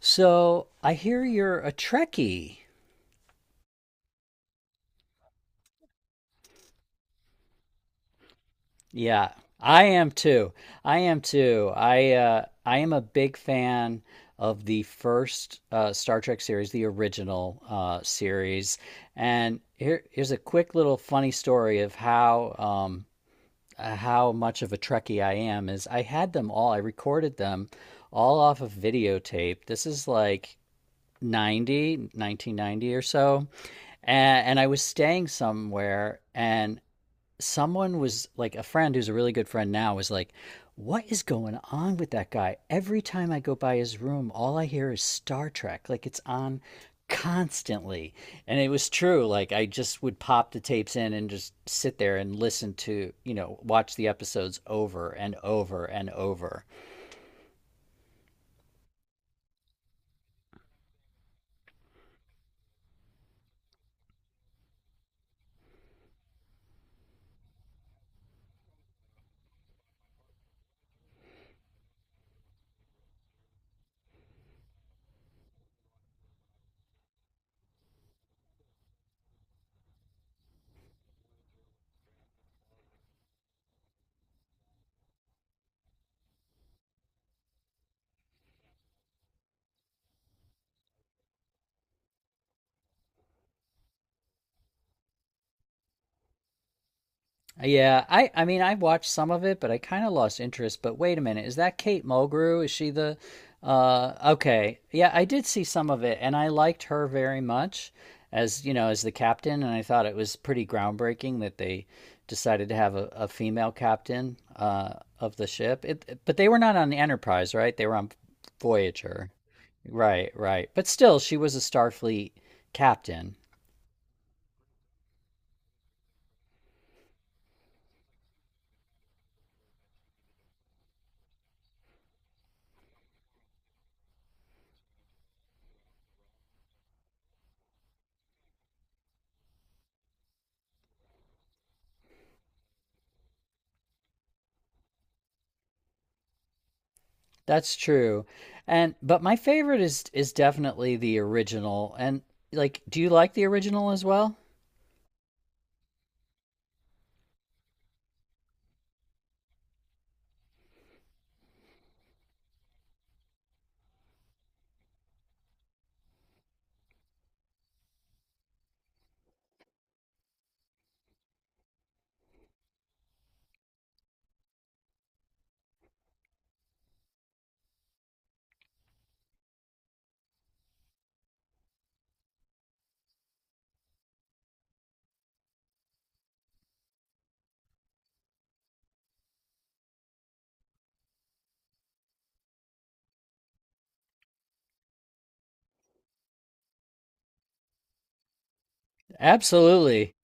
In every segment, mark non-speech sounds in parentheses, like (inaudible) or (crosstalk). So I hear you're a Trekkie. Yeah, I am too. I am too. I am a big fan of the first Star Trek series, the original series. And here's a quick little funny story of um, how much of a Trekkie I am. Is I had them all. I recorded them all off of videotape. This is like 90, 1990 so. And I was staying somewhere and someone was like a friend who's a really good friend now was like, "What is going on with that guy? Every time I go by his room, all I hear is Star Trek. Like it's on constantly." And it was true. Like I just would pop the tapes in and just sit there and listen to, you know, watch the episodes over and over and over. Yeah, I mean I watched some of it, but I kind of lost interest. But wait a minute, is that Kate Mulgrew? Is she the uh, okay. Yeah, I did see some of it and I liked her very much as, you know, as the captain, and I thought it was pretty groundbreaking that they decided to have a female captain uh, of the ship. It, but they were not on the Enterprise, right? They were on Voyager. Right, right. But still she was a Starfleet captain. That's true. And but my favorite is definitely the original. And like, do you like the original as well? Absolutely.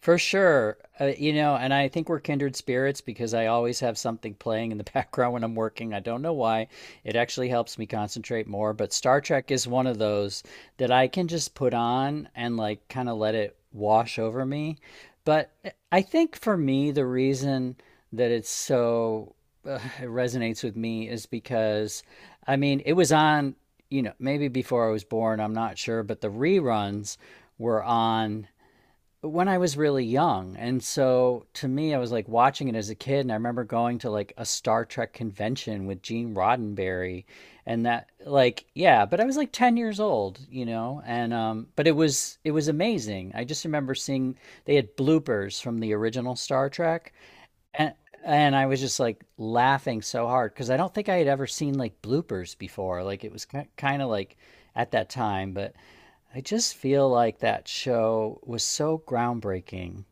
For sure. You know, and I think we're kindred spirits because I always have something playing in the (laughs) background when I'm working. I don't know why. It actually helps me concentrate more, but Star Trek is one of those that I can just put on and like kind of let it wash over me. But eh, I think for me, the reason that it's so it resonates with me is because, I mean, it was on, you know, maybe before I was born, I'm not sure, but the reruns were on when I was really young. And so to me, I was like watching it as a kid. And I remember going to like a Star Trek convention with Gene Roddenberry and that like, yeah, but I was like 10 years old, you know, and but it was, it was amazing. I just remember seeing they had bloopers from the original Star Trek, and and I was just like laughing so hard because I don't think I had ever seen like bloopers before. Like it was kind of like at that time, but I just feel like that show was so groundbreaking.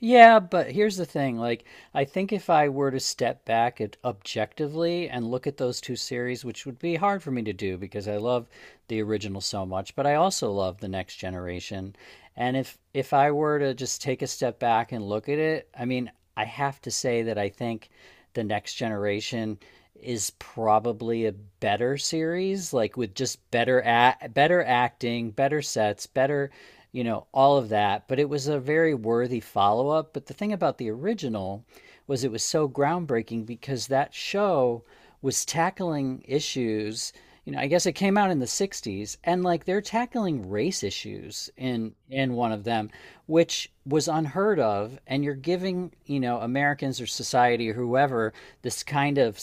Yeah, but here's the thing. Like, I think if I were to step back at objectively and look at those two series, which would be hard for me to do because I love the original so much, but I also love the next generation. And if I were to just take a step back and look at it, I mean, I have to say that I think the next generation is probably a better series, like with just better act, better acting, better sets, better, you know, all of that. But it was a very worthy follow up. But the thing about the original was it was so groundbreaking because that show was tackling issues. You know, I guess it came out in the '60s, and like they're tackling race issues in one of them, which was unheard of. And you're giving, you know, Americans or society or whoever this kind of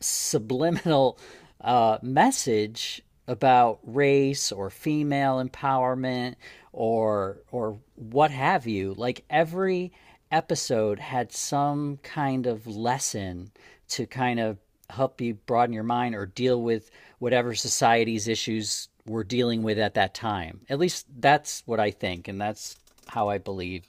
subliminal message about race or female empowerment or what have you. Like every episode had some kind of lesson to kind of help you broaden your mind or deal with whatever society's issues we're dealing with at that time. At least that's what I think, and that's how I believe.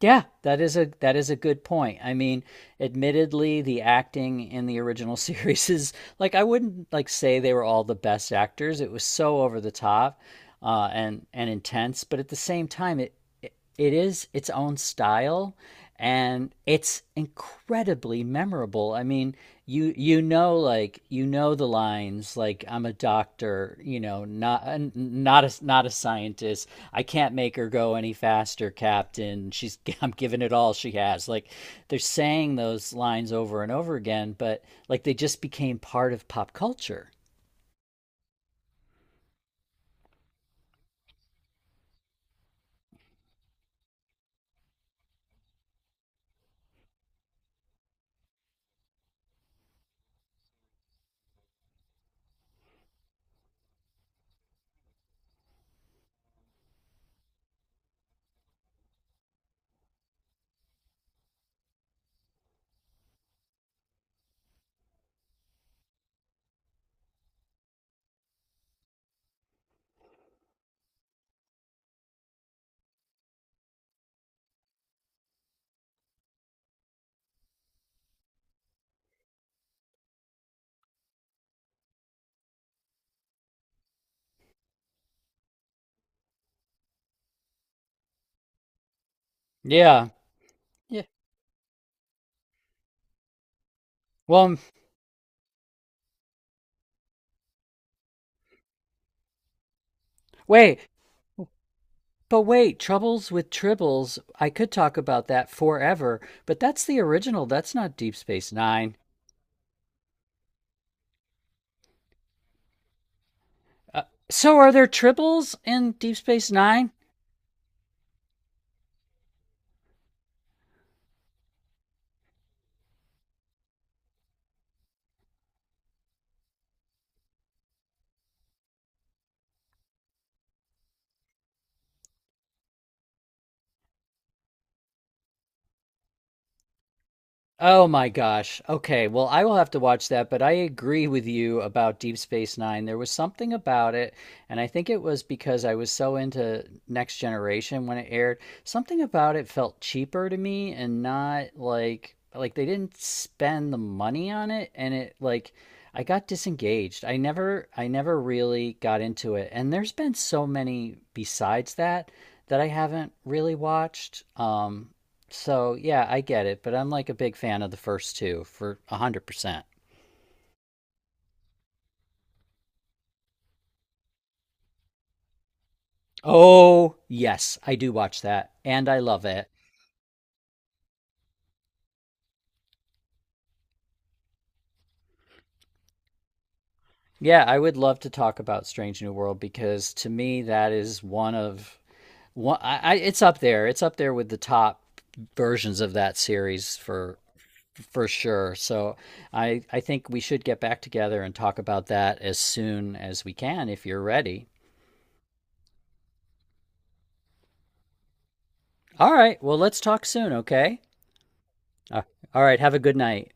Yeah, that is a, that is a good point. I mean, admittedly, the acting in the original (laughs) series is like, I wouldn't like say they were all the best actors. It was so over the top and intense, but at the same time, it, it is its own style, and it's incredibly memorable. I mean, you know like you know the lines like I'm a doctor, you know, not not a, not a scientist. I can't make her go any faster, captain. She's (laughs) I'm giving it all she has. Like they're saying those lines over and over again, but like they just became part of pop culture. Yeah. Yeah. Well, wait. But wait, Troubles with Tribbles, I could talk about that forever, but that's the original. That's not Deep Space Nine. Uh, so are there Tribbles in Deep Space Nine? Oh my gosh. Okay. Well, I will have to watch that, but I agree with you about Deep Space Nine. There was something about it, and I think it was because I was so into Next Generation when it aired. Something about it felt cheaper to me and not like, like they didn't spend the money on it, and it like I got disengaged. I never really got into it. And there's been so many besides that that I haven't really watched. So yeah, I get it, but I'm like a big fan of the first two for 100%. Oh yes, I do watch that, and I love it. Yeah, I would love to talk about Strange New World because to me that is one of one. I it's up there. It's up there with the top versions of that series for sure. So I think we should get back together and talk about that as soon as we can if you're ready. All right, well let's talk soon, okay? Uh, All right, have a good night.